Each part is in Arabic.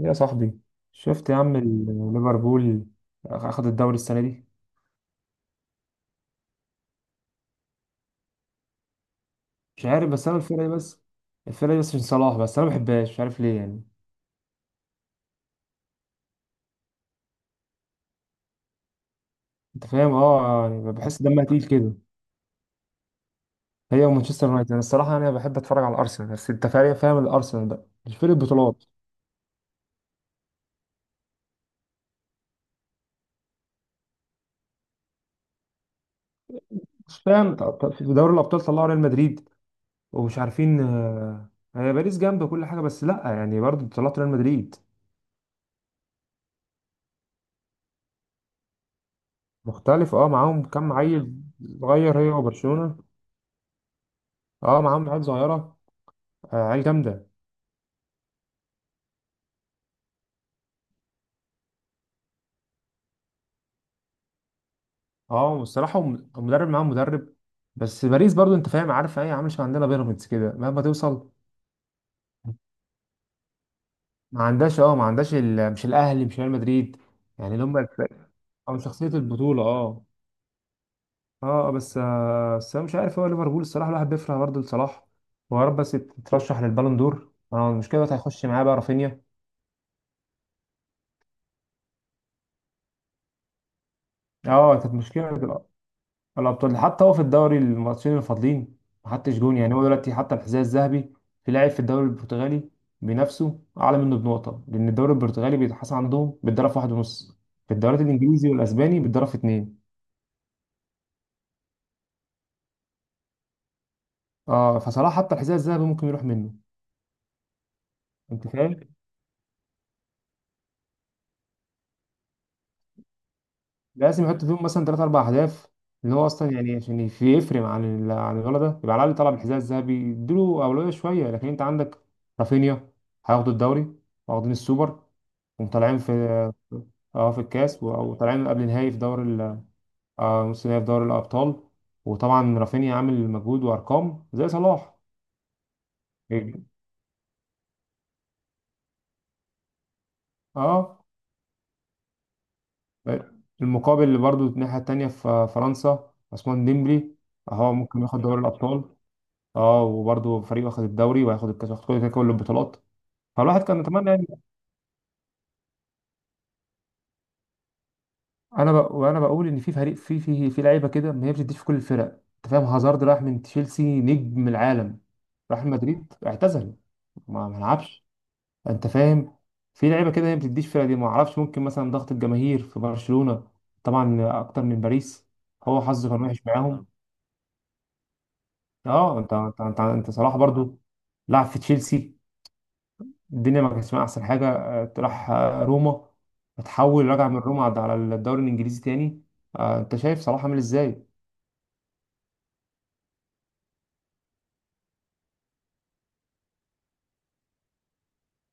يا صاحبي، شفت يا عم ليفربول اخد الدوري السنه دي. مش عارف، بس انا الفرقه دي بس عشان صلاح، بس انا ما بحبهاش، مش عارف ليه يعني. انت فاهم، اه، يعني بحس دمها تقيل كده، هي ومانشستر يونايتد. انا الصراحه يعني انا بحب اتفرج على الارسنال، بس انت فاهم، الارسنال بقى مش فرقه بطولات. مش فاهم، في دوري الابطال طلعوا ريال مدريد، ومش عارفين. هي باريس جنب كل حاجه، بس لا يعني برضه طلعت ريال مدريد. مختلف، اه، معاهم كام عيل صغير، هي وبرشلونه. اه، معاهم عيال صغيره، عيال جامده. اه والصراحه المدرب، معاهم مدرب. بس باريس برضو، انت فاهم، عارف ايه، عامل شبه عندنا بيراميدز كده، مهما توصل ما عندهاش. اه، ما عندهاش مش الاهلي، مش ريال مدريد. يعني اللي هم او شخصيه البطوله. اه اه، بس آه بس انا مش عارف هو ليفربول، الصراحه الواحد بيفرح برضه لصلاح. هو يا رب بس يترشح للبالون دور. انا المشكله دلوقتي هيخش معاه بقى رافينيا. اه كانت مشكله الابطال، حتى هو في الدوري الماتشين الفاضلين ما حطش جون. يعني هو دلوقتي حتى الحذاء الذهبي، في لاعب في الدوري البرتغالي بنفسه اعلى منه بنقطه، لان الدوري البرتغالي بيتحسن عندهم بالضرب في واحد ونص، في الدوري الانجليزي والاسباني بالضرب في اتنين. اه فصلاح حتى الحذاء الذهبي ممكن يروح منه. انت فاهم، لازم يحط فيهم مثلا ثلاث اربع اهداف، اللي هو اصلا يعني عشان يفرق عن عن الولد ده، يبقى على الاقل طلب الحذاء الذهبي اديله اولويه شويه. لكن انت عندك رافينيا، هياخدوا الدوري، واخدين السوبر، وطالعين في، اه، في الكاس، وطالعين قبل نهائي في دوري آه، نص نهائي في دوري الأبطال. وطبعا رافينيا عامل مجهود وأرقام زي صلاح. اه المقابل اللي برضه الناحية التانية في فرنسا عثمان ديمبلي، اهو ممكن ياخد دوري الأبطال. اه وبرضه فريق واخد الدوري، وهياخد الكاس، واخد كل البطولات. فالواحد كان يتمنى. وانا بقول ان في فريق في لعيبه كده ما هي بتديش في كل الفرق. انت فاهم، هازارد راح من تشيلسي، نجم العالم، راح مدريد اعتزل، ما لعبش. انت فاهم، في لعيبه كده هي ما بتديش فرق دي. ما اعرفش، ممكن مثلا ضغط الجماهير في برشلونه طبعا اكتر من باريس، هو حظه كان وحش معاهم. اه انت صلاح برضو لعب في تشيلسي، الدنيا ما كانتش معاه احسن حاجه. راح روما، اتحول رجع من روما على الدوري الانجليزي تاني. انت شايف صلاح عامل ازاي.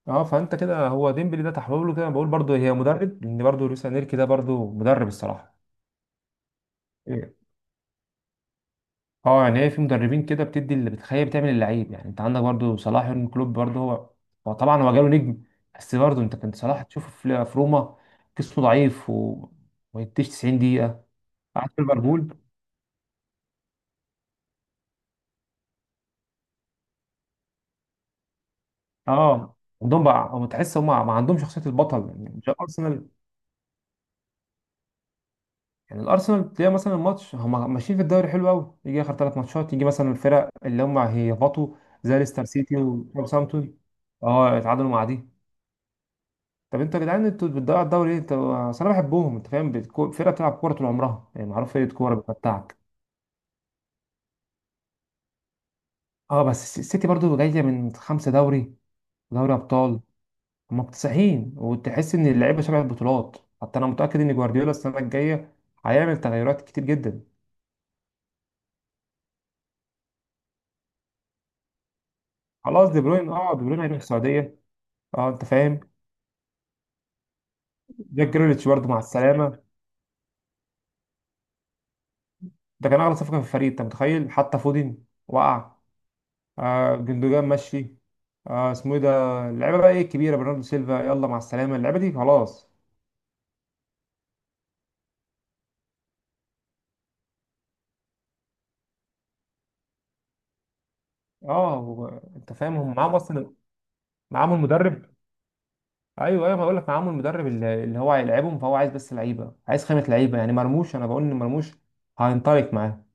اه، فانت كده هو ديمبلي ده تحول له كده. بقول برضه هي مدرب، لان برضه لويس انريكي ده برضه مدرب الصراحه. إيه. اه يعني هي في مدربين كده بتدي اللي بتخيل، بتعمل اللعيب. يعني انت عندك برضه صلاح، يورجن كلوب برضه هو، هو طبعا هو جاله نجم، بس برضه انت كنت صلاح تشوفه في روما جسمه ضعيف وما يديش 90 دقيقه، قعد في ليفربول. اه عندهم بقى، هم تحس هم ما عندهم شخصيه البطل، يعني مش ارسنال. يعني الارسنال تلاقي مثلا الماتش، هم ماشيين في الدوري حلو قوي، يجي اخر ثلاث ماتشات يجي مثلا الفرق اللي هم هيهبطوا، زي ليستر سيتي وساوثهامبتون، اه اتعادلوا مع دي. طب انتوا يا جدعان انتوا بتضيعوا الدوري ليه؟ انتوا اصل انا بحبهم، انت فاهم، فرقه بتلعب كوره طول عمرها، يعني معروف فرقه كوره بتمتعك. اه بس السيتي برضو جايه من خمسه دوري، دوري ابطال، هم مكتسحين. وتحس ان اللعيبه شبه البطولات. حتى انا متاكد ان جوارديولا السنه الجايه هيعمل تغيرات كتير جدا. خلاص دي بروين، اه دي بروين هيروح السعوديه. اه انت فاهم، جاك جريليتش برضه مع السلامة، ده كان أغلى صفقة في الفريق. أنت متخيل، حتى فودن وقع. آه جندوجان مشي. آه اسمه إيه ده، اللعيبة بقى إيه الكبيرة، برناردو سيلفا يلا مع السلامة، اللعيبة دي خلاص. أه هو- أنت فاهم هم معاهم أصلا، معاهم المدرب. أيوه أيوه، ما بقول لك معاهم المدرب اللي هو هيلعبهم. فهو عايز بس لعيبة، عايز خامة لعيبة. يعني مرموش، أنا بقول إن مرموش هينطلق معاه.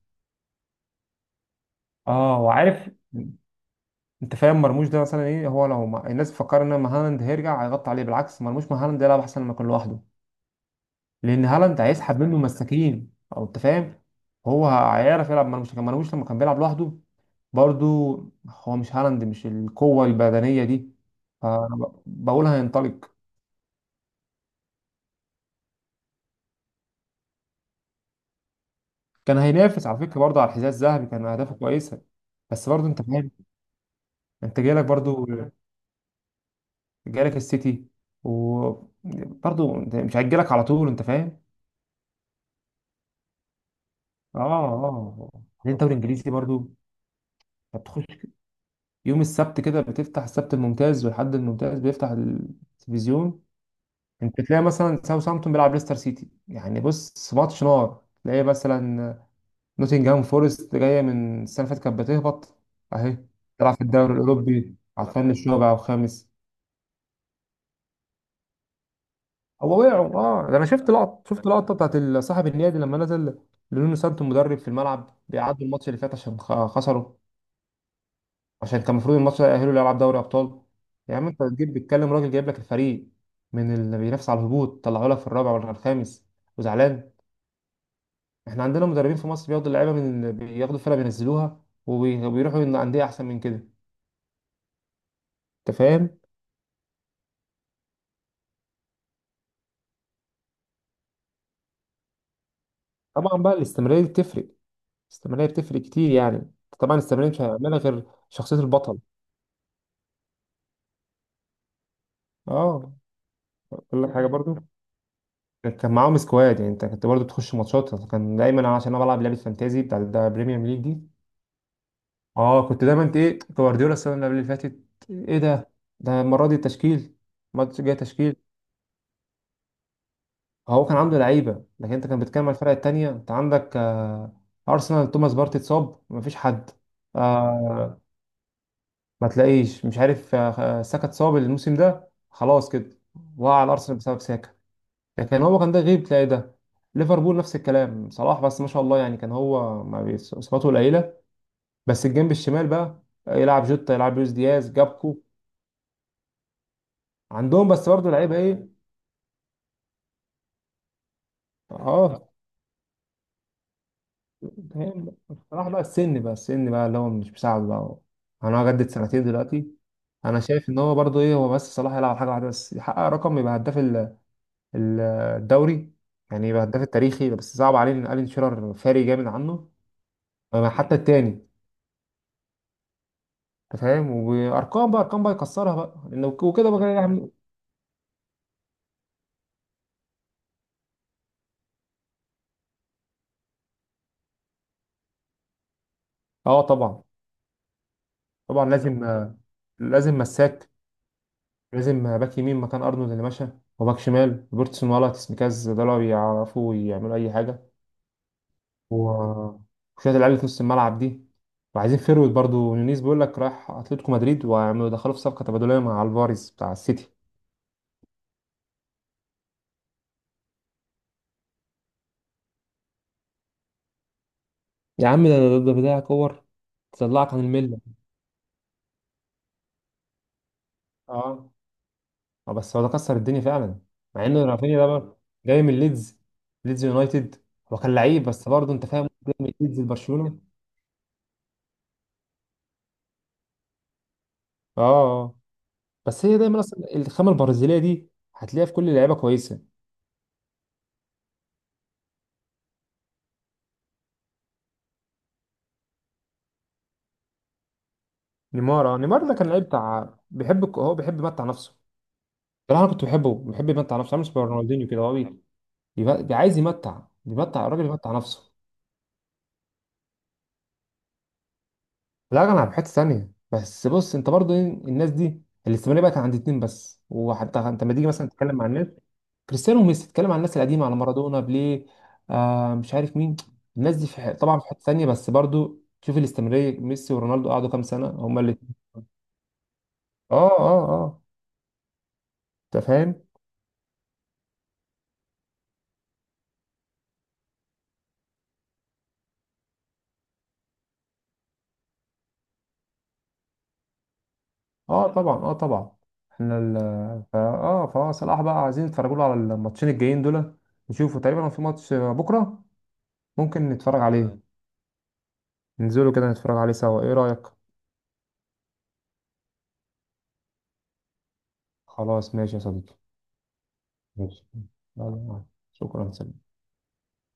أه وعارف، انت فاهم، مرموش ده مثلا ايه، هو لو ما... الناس بتفكر ان مهالاند هيرجع هيغطي عليه. بالعكس، مرموش مهالاند يلعب احسن ما يكون لوحده، لان هالاند هيسحب منه مساكين. او انت فاهم، هو هيعرف يلعب، ما لوش لما كان بيلعب لوحده برضو، هو مش هالاند، مش القوه البدنيه دي. فبقول هينطلق. كان هينافس على فكره برضو على الحذاء الذهبي، كان اهدافه كويسه. بس برضو انت فاهم، انت جالك برضو، جالك السيتي، وبرضو انت مش هيجيلك على طول، انت فاهم. اه اه. بعدين الدوري الانجليزي برضو، انت بتخش يوم السبت كده، بتفتح السبت الممتاز والحد الممتاز بيفتح التلفزيون. انت تلاقي مثلا ساوثهامبتون بيلعب ليستر سيتي، يعني بص ماتش نار. تلاقي مثلا نوتنجهام فورست جايه من السنه اللي فاتت كانت بتهبط، اهي تلعب في الدوري الاوروبي على الفن الرابع وخامس. هو وقعوا، اه ده انا شفت لقطه، شفت لقطه بتاعت صاحب النادي لما نزل لونو سانتو مدرب في الملعب، بيعادوا الماتش اللي فات عشان خسروا، عشان كان المفروض الماتش ده يأهله لألعاب دوري أبطال. يا عم أنت بتجيب بتكلم راجل جايب لك الفريق من اللي بينافس على الهبوط، طلعوا لك في الرابع ولا الخامس وزعلان. إحنا عندنا مدربين في مصر بياخدوا اللعيبة من، بياخدوا الفرقة بينزلوها وبيروحوا عند أندية أحسن من كده. أنت فاهم؟ طبعا بقى الاستمرارية دي بتفرق، الاستمرارية بتفرق كتير يعني. طبعا الاستمرارية مش هيعملها غير شخصية البطل. اه أقول لك حاجة برضو، كان معاهم سكواد. يعني انت كنت برضو بتخش ماتشات، كان دايما أنا، عشان انا بلعب لعبه فانتازي بتاع البريمير ليج دي، اه كنت دايما انت ايه جوارديولا السنه اللي قبل اللي فاتت، ايه ده، ده المره دي التشكيل، الماتش جاي تشكيل. هو كان عنده لعيبه، لكن انت كان بتتكلم على الفرق التانيه. انت عندك آه ارسنال، توماس بارتي اتصاب مفيش حد. آه ما تلاقيش، مش عارف آه، ساكا اتصاب الموسم ده خلاص كده، وقع على ارسنال بسبب ساكا. لكن هو كان ده غيب تلاقي ده. ليفربول نفس الكلام، صلاح بس ما شاء الله، يعني كان هو ما اصاباته قليله. بس الجنب الشمال بقى، يلعب جوتا يلعب لويس دياز جابكو. عندهم، بس برضه لعيبه ايه. لا اه هي، بصراحه بقى السن، بقى السن بقى اللي هو مش مساعد بقى، انا هجدد سنتين دلوقتي. انا شايف ان هو برضه ايه، هو بس صلاح يلعب حاجه واحده بس، يحقق رقم، يبقى هداف ال- الدوري. يعني يبقى هداف التاريخي، بس صعب عليه ان الين شيرر فارق جامد عنه. أما حتى التاني، انت فاهم، وارقام بقى، ارقام بقى يكسرها بقى، لانه وكده بقى يعمل. اه طبعا، طبعا لازم، لازم مساك، لازم باك يمين مكان ارنولد اللي مشى، وباك شمال روبرتسون ولا تسميكاز ده لو يعرفوا يعملوا اي حاجه. و- وشويه اللعيبه في نص الملعب دي، وعايزين فيرويد برضو. نونيز بيقول لك رايح اتلتيكو مدريد، ويعملوا دخلوا في صفقه تبادليه مع الفاريز بتاع السيتي. يا عم ده بتاع كور تطلعك عن المله. اه بس هو ده كسر الدنيا فعلا. مع ان رافينيا ده برضه جاي من ليدز، ليدز يونايتد، هو كان لعيب. بس برضه انت فاهم، جاي من ليدز لبرشلونه. اه آه. بس هي دايما اصلا الخامه البرازيليه دي هتلاقيها في كل اللعيبه كويسه. نيمار، اه نيمار ده كان لعيب بتاع بيحب هو بيحب يمتع نفسه. بصراحه انا كنت بحبه، بيحب يمتع نفسه، عامل شبه رونالدينيو كده. هو بي... بيبقى- بي... عايز يمتع، بيمتع الراجل يمتع نفسه. لا انا في حته ثانيه. بس بص انت برضو إيه، الناس دي الاستمراريه بقت عند اتنين بس. وحتى انت لما تيجي مثلا تتكلم مع الناس، كريستيانو وميسي، تتكلم عن الناس القديمه، على مارادونا، بيليه، آه مش عارف مين. الناس دي في طبعا في حته ثانيه، بس برضو شوف الاستمراريه، ميسي ورونالدو قعدوا كام سنه هما اللي. اه اه اه، انت فاهم. اه طبعا، اه طبعا. احنا ال فا اه فهو صلاح بقى، عايزين نتفرجوا له على الماتشين الجايين دول، نشوفوا تقريبا لو في ماتش بكره ممكن نتفرج عليه، ننزلوا كده نتفرج عليه سوا، ايه رايك؟ خلاص ماشي يا صديقي. ماشي، يلا، شكرا، سلام.